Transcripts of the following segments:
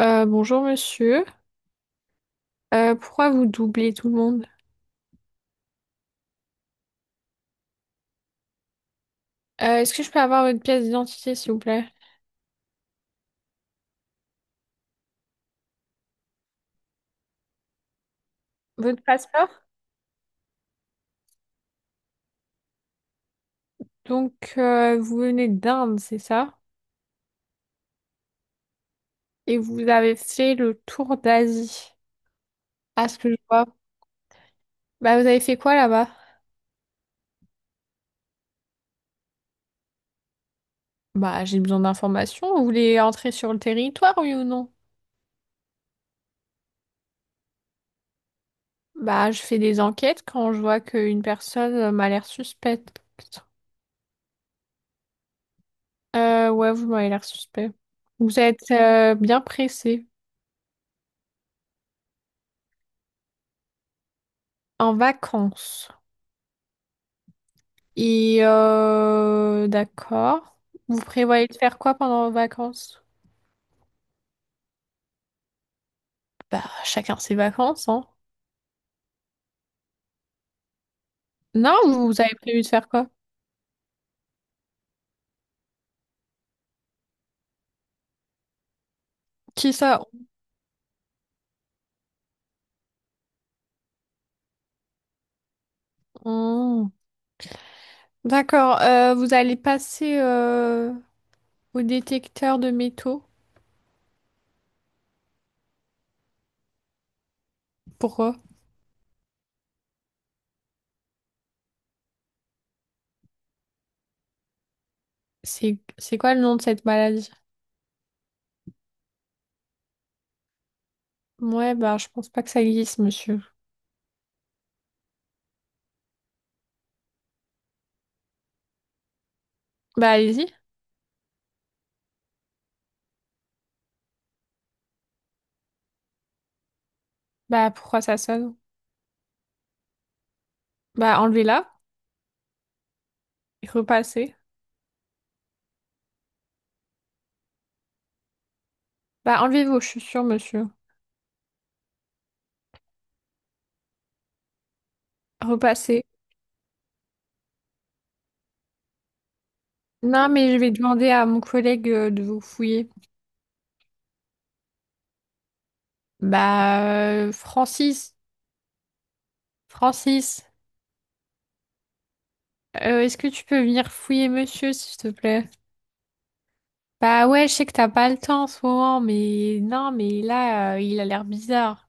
Bonjour monsieur. Pourquoi vous doublez tout le monde? Est-ce que je peux avoir votre pièce d'identité, s'il vous plaît? Votre passeport? Donc, vous venez d'Inde, c'est ça? Et vous avez fait le tour d'Asie, à ce que je vois. Bah, vous avez fait quoi là-bas? Bah, j'ai besoin d'informations. Vous voulez entrer sur le territoire, oui ou non? Bah, je fais des enquêtes quand je vois qu'une personne m'a l'air suspecte. Ouais, vous m'avez l'air suspect. Vous êtes bien pressé. En vacances. Et d'accord. Vous prévoyez de faire quoi pendant vos vacances? Bah, chacun ses vacances, hein. Non, vous avez prévu de faire quoi? Qui ça? Hmm. D'accord. Vous allez passer au détecteur de métaux. Pourquoi? C'est quoi le nom de cette maladie? Ouais, bah je pense pas que ça existe, monsieur. Bah allez-y. Bah pourquoi ça sonne? Bah enlevez-la. Repassez. Bah enlevez vos chaussures, monsieur. Repassez. Non, mais je vais demander à mon collègue de vous fouiller. Bah, Francis, Francis, est-ce que tu peux venir fouiller monsieur, s'il te plaît? Bah ouais, je sais que t'as pas le temps en ce moment, mais non, mais là, il a l'air bizarre.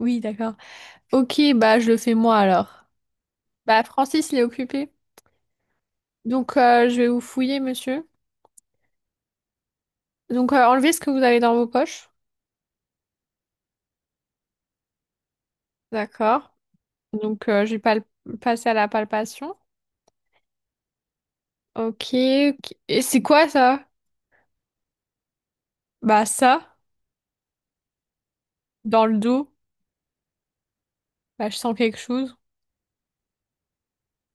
Oui, d'accord. Ok, bah je le fais moi alors. Bah Francis, il est occupé. Donc je vais vous fouiller, monsieur. Donc enlevez ce que vous avez dans vos poches. D'accord. Donc je vais pas passer à la palpation. Ok, ok. Et c'est quoi ça? Bah ça. Dans le dos, bah, je sens quelque chose.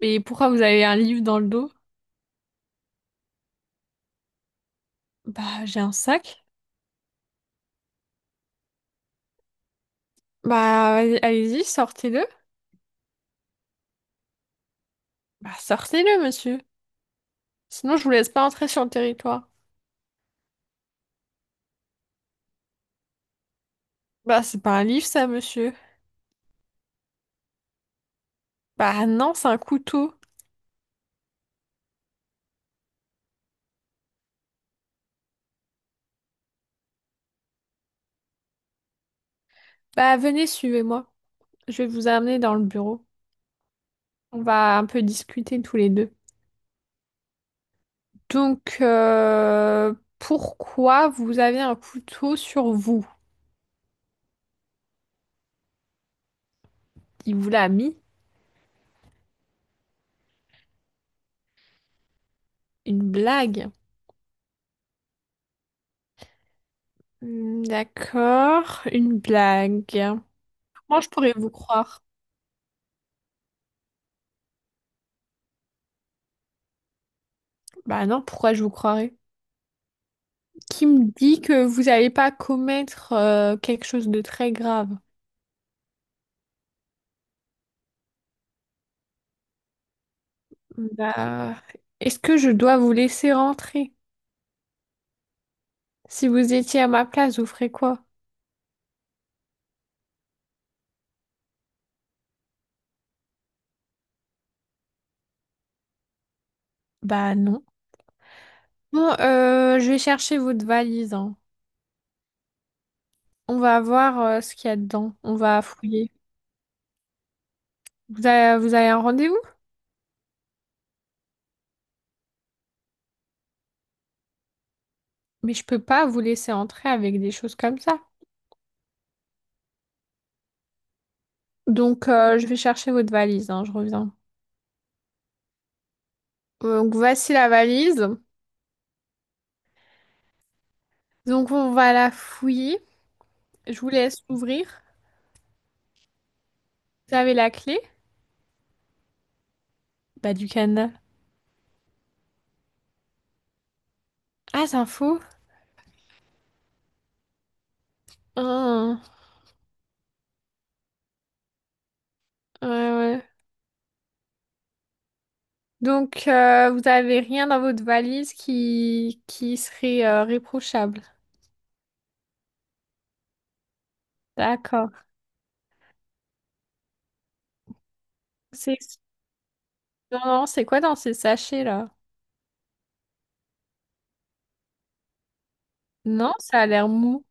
Et pourquoi vous avez un livre dans le dos? Bah, j'ai un sac. Bah, allez-y, sortez-le. Bah, sortez-le, monsieur. Sinon, je vous laisse pas entrer sur le territoire. Bah, c'est pas un livre, ça, monsieur. Bah, non, c'est un couteau. Bah, venez, suivez-moi. Je vais vous amener dans le bureau. On va un peu discuter tous les deux. Donc, pourquoi vous avez un couteau sur vous? Il vous l'a mis? Une blague. Hmm, d'accord, une blague. Moi, je pourrais vous croire. Bah non, pourquoi je vous croirais? Qui me dit que vous n'allez pas commettre quelque chose de très grave? Bah, est-ce que je dois vous laisser rentrer? Si vous étiez à ma place, vous ferez quoi? Bah non. Bon, je vais chercher votre valise, hein. On va voir ce qu'il y a dedans. On va fouiller. Vous avez un rendez-vous? Mais je peux pas vous laisser entrer avec des choses comme ça. Donc, je vais chercher votre valise, hein, je reviens. Donc, voici la valise. Donc on va la fouiller. Je vous laisse ouvrir. Vous avez la clé? Bah du Canada. Ah, c'est un faux. Ah, ouais, ouais. Donc vous avez rien dans votre valise qui serait réprochable. D'accord. C'est non, non, c'est quoi dans ces sachets là? Non, ça a l'air mou.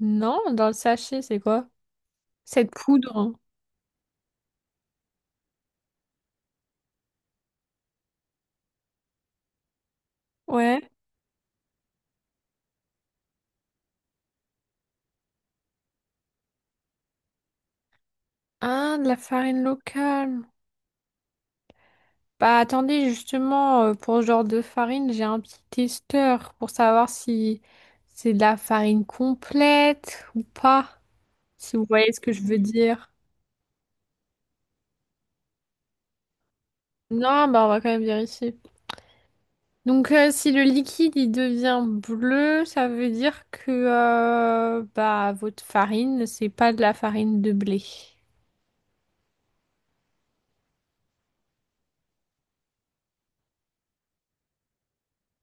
Non, dans le sachet, c'est quoi? Cette poudre. Ouais. Ah, de la farine locale. Bah attendez, justement, pour ce genre de farine, j'ai un petit testeur pour savoir si c'est de la farine complète ou pas, si vous voyez ce que je veux dire. Non, bah on va quand même vérifier. Donc si le liquide il devient bleu, ça veut dire que bah votre farine, c'est pas de la farine de blé.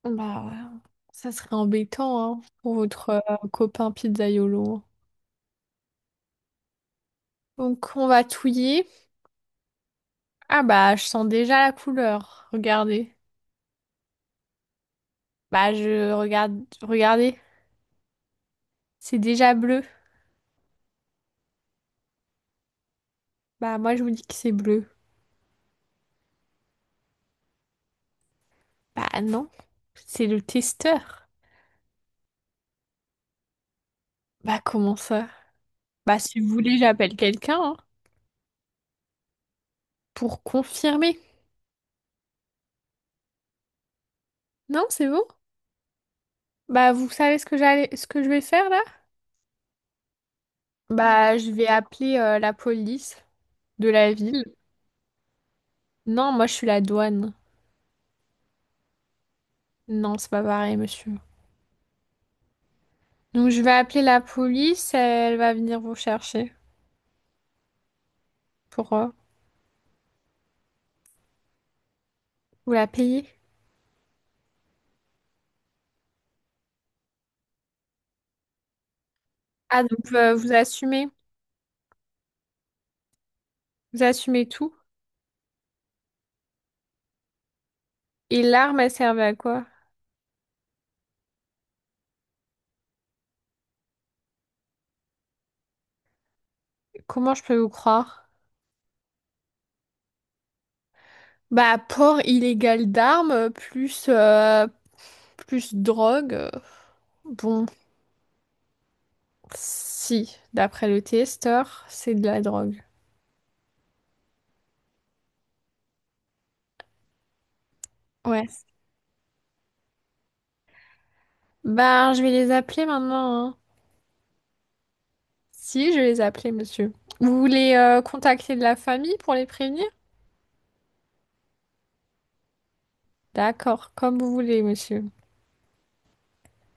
Bah ouais, ça serait embêtant hein, pour votre copain pizzaïolo. Donc on va touiller. Ah bah je sens déjà la couleur. Regardez. Bah je regarde. Regardez. C'est déjà bleu. Bah moi je vous dis que c'est bleu. Bah non. C'est le testeur. Bah comment ça? Bah si vous voulez j'appelle quelqu'un hein, pour confirmer. Non, c'est bon? Bah vous savez ce que je vais faire là? Bah je vais appeler la police de la ville. Non, moi je suis la douane. Non, c'est pas pareil, monsieur. Donc je vais appeler la police, elle va venir vous chercher pour vous la payer. Ah, donc vous assumez tout. Et l'arme, elle servait à quoi? Comment je peux vous croire? Bah, port illégal d'armes, plus, plus drogue. Bon, si, d'après le testeur, c'est de la drogue. Ouais. Bah, je vais les appeler maintenant, hein. Si, je vais les appeler, monsieur. Vous voulez contacter de la famille pour les prévenir? D'accord, comme vous voulez, monsieur.